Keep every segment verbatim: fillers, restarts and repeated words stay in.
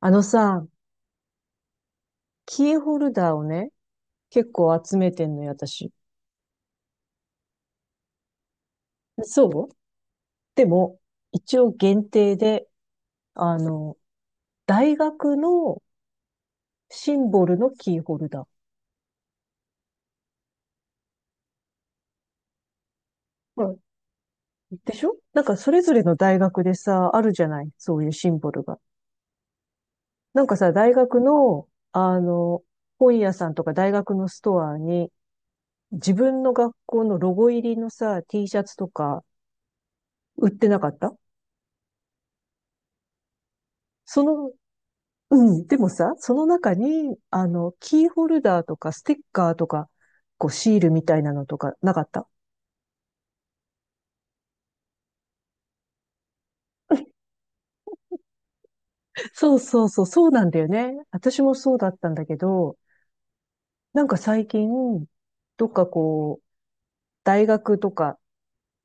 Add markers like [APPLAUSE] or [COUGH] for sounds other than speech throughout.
あのさ、キーホルダーをね、結構集めてんのよ、私。そう。でも、一応限定で、あの、大学のシンボルのキーホルダー。うん。でしょ？なんかそれぞれの大学でさ、あるじゃない、そういうシンボルが。なんかさ、大学の、あの、本屋さんとか大学のストアに、自分の学校のロゴ入りのさ、ティーシャツとか売ってなかった？そのうん。でもさ、その中に、あの、キーホルダーとかステッカーとか、こう、シールみたいなのとかなかった？そうそうそう、そうなんだよね。私もそうだったんだけど、なんか最近、どっかこう、大学とか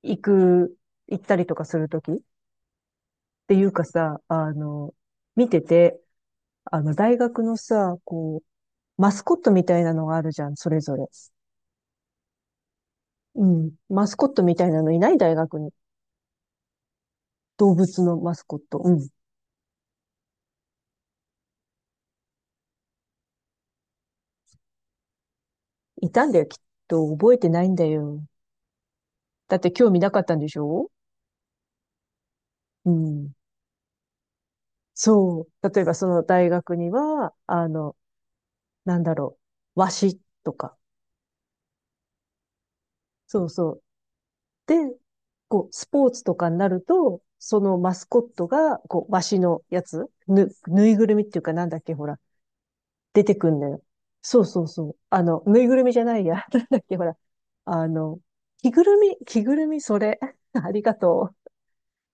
行く、行ったりとかするときっていうかさ、あの、見てて、あの、大学のさ、こう、マスコットみたいなのがあるじゃん、それぞれ。うん。マスコットみたいなのいない大学に。動物のマスコット。うん。いたんだよ、きっと。覚えてないんだよ。だって興味なかったんでしょ？うん。そう。例えばその大学には、あの、なんだろう、和紙とか。そうそう。で、こう、スポーツとかになると、そのマスコットが、こう、和紙のやつ、ぬ、ぬいぐるみっていうかなんだっけ、ほら、出てくんだよ。そうそうそう。あの、ぬいぐるみじゃないや。[LAUGHS] なんだっけ、ほら。あの、着ぐるみ、着ぐるみ、それ。[LAUGHS] ありがとう。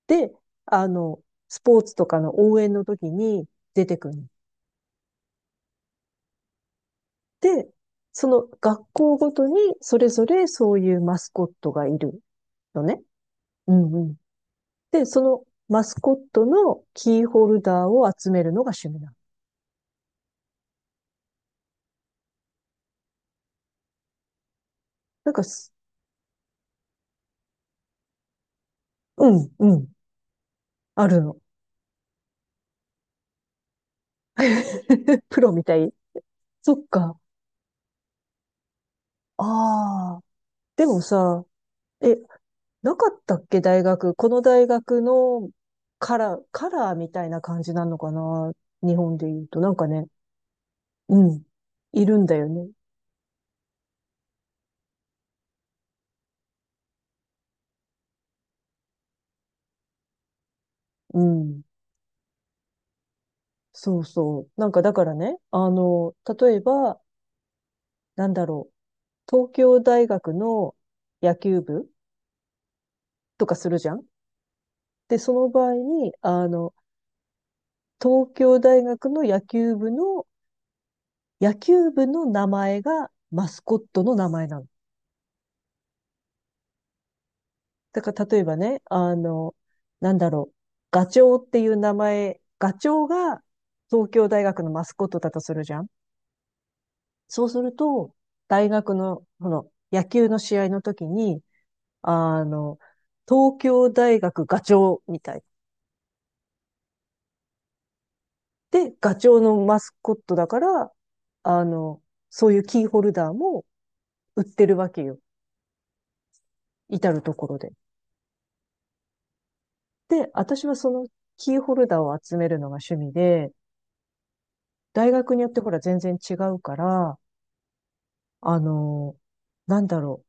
で、あの、スポーツとかの応援の時に出てくる。で、その学校ごとにそれぞれそういうマスコットがいるのね。うんうん。で、そのマスコットのキーホルダーを集めるのが趣味なの。なんか、うんうん、あるの。[LAUGHS] プロみたい。そっか。ああ。でもさ、え、なかったっけ大学。この大学のカラー、カラーみたいな感じなのかな、日本で言うと。なんかね、うん。いるんだよね。うん。そうそう。なんかだからね、あの、例えば、なんだろう。東京大学の野球部とかするじゃん。で、その場合に、あの、東京大学の野球部の、野球部の名前がマスコットの名前なの。だから例えばね、あの、なんだろう、ガチョウっていう名前、ガチョウが東京大学のマスコットだとするじゃん。そうすると、大学の、この野球の試合の時に、あの、東京大学ガチョウみたい。で、ガチョウのマスコットだから、あの、そういうキーホルダーも売ってるわけよ。至るところで。で、私はそのキーホルダーを集めるのが趣味で、大学によってほら全然違うから、あの、なんだろう。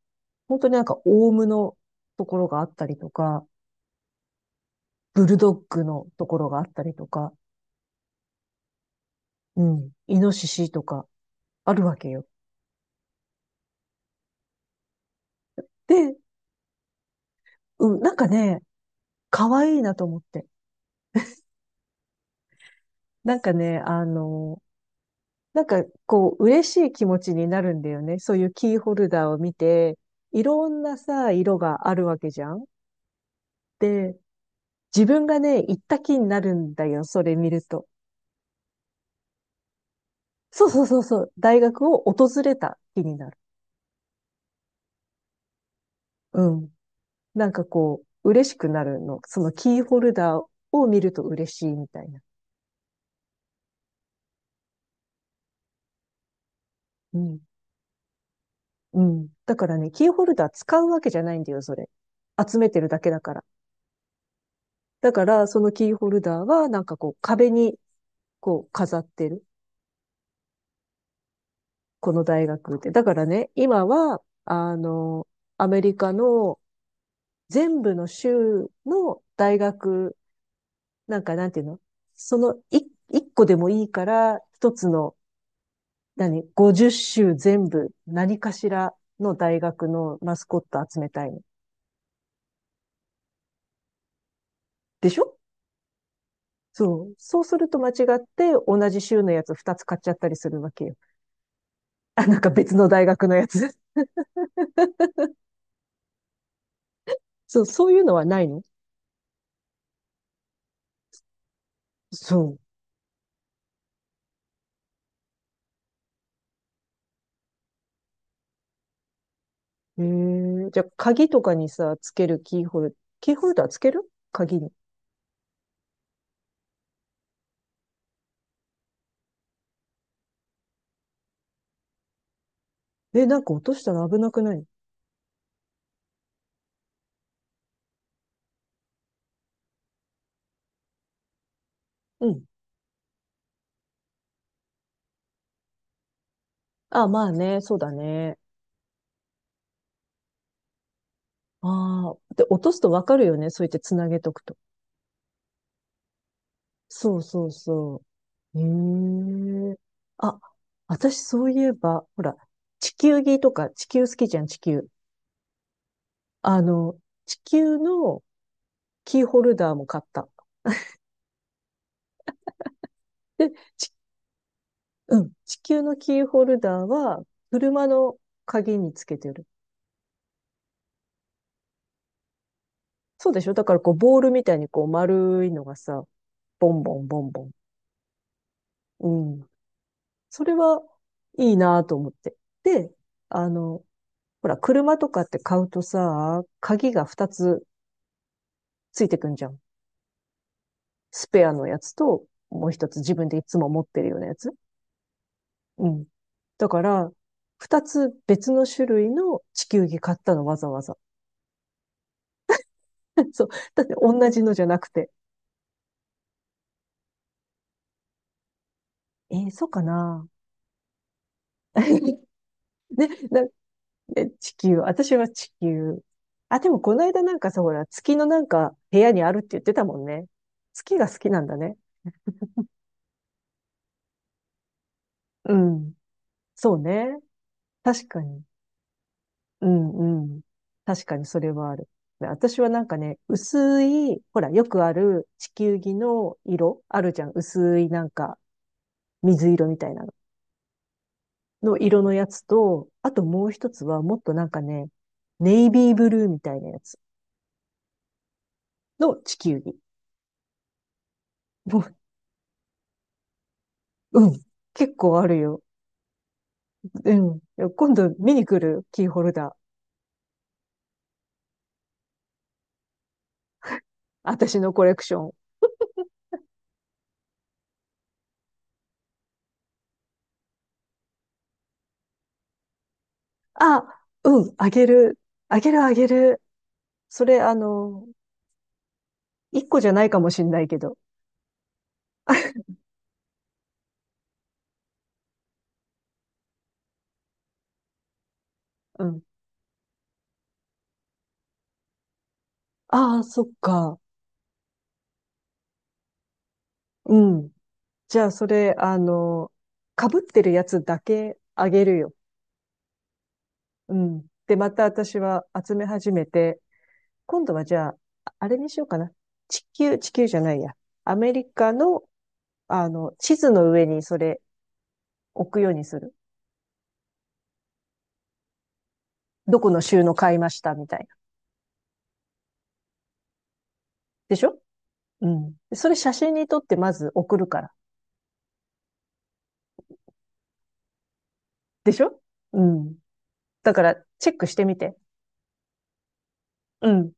本当になんかオウムのところがあったりとか、ブルドッグのところがあったりとか、うん、イノシシとかあるわけよ。で、うん、なんかね、可愛いなと思って。なんかね、あの、なんかこう、嬉しい気持ちになるんだよね。そういうキーホルダーを見て、いろんなさ、色があるわけじゃん。で、自分がね、行った気になるんだよ、それ見ると。そうそうそうそう。大学を訪れた気になる。うん。なんかこう、嬉しくなるの。そのキーホルダーを見ると嬉しいみたいな。うん。うん。だからね、キーホルダー使うわけじゃないんだよ、それ。集めてるだけだから。だから、そのキーホルダーは、なんかこう、壁に、こう、飾ってる。この大学って。だからね、今は、あの、アメリカの全部の州の大学、なんかなんていうの、その一一個でもいいから、一つの、何？ ごじゅっしゅ 種全部、何かしらの大学のマスコット集めたいの。でしょ？そう。そうすると間違って同じ州のやつふたつ買っちゃったりするわけよ。あ、なんか別の大学のやつ。[LAUGHS] そう、そういうのはないの？そう。へえ。じゃあ、鍵とかにさ、つけるキーホル、キーホルダーつける、鍵に。え、なんか落としたら危なくない？うん。あ、まあね、そうだね。ああ。で、落とすとわかるよね、そうやってつなげとくと。そうそうそう。へえ。あ、私そういえば、ほら、地球儀とか、地球好きじゃん、地球。あの、地球のキーホルダーも買った。で、ち、うん、地球のキーホルダーは、車の鍵につけてる。そうでしょ？だからこう、ボールみたいにこう、丸いのがさ、ボンボンボンボン。うん。それはいいなと思って。で、あの、ほら、車とかって買うとさ、鍵がふたつついてくんじゃん。スペアのやつと、もう一つ自分でいつも持ってるようなやつ。うん。だから、二つ別の種類の地球儀買ったの、わざわざ。[LAUGHS] そう。だって同じのじゃなくて。えー、そうかな？ [LAUGHS] ね、な、ね、地球、私は地球。あ、でもこの間なんかさ、ほら、月のなんか部屋にあるって言ってたもんね。月が好きなんだね。うん。そうね。確かに。うんうん。確かにそれはある。私はなんかね、薄い、ほら、よくある地球儀の色、あるじゃん。薄いなんか、水色みたいなの。の色のやつと、あともう一つはもっとなんかね、ネイビーブルーみたいなやつの地球儀。もう、うん。結構あるよ。うん。今度見に来る、キーホルダー。私のコレクション。あ、うん。あげる。あげるあげる。それ、あの、一個じゃないかもしんないけど。うん。ああ、そっか。うん。じゃあ、それ、あの、被ってるやつだけあげるよ。うん。で、また私は集め始めて、今度はじゃあ、あれにしようかな。地球、地球じゃないや。アメリカの、あの、地図の上にそれ置くようにする。どこの州の買いましたみたいな。でしょ？うん。でそれ写真に撮ってまず送るから。でしょ？うん。だから、チェックしてみて。うん。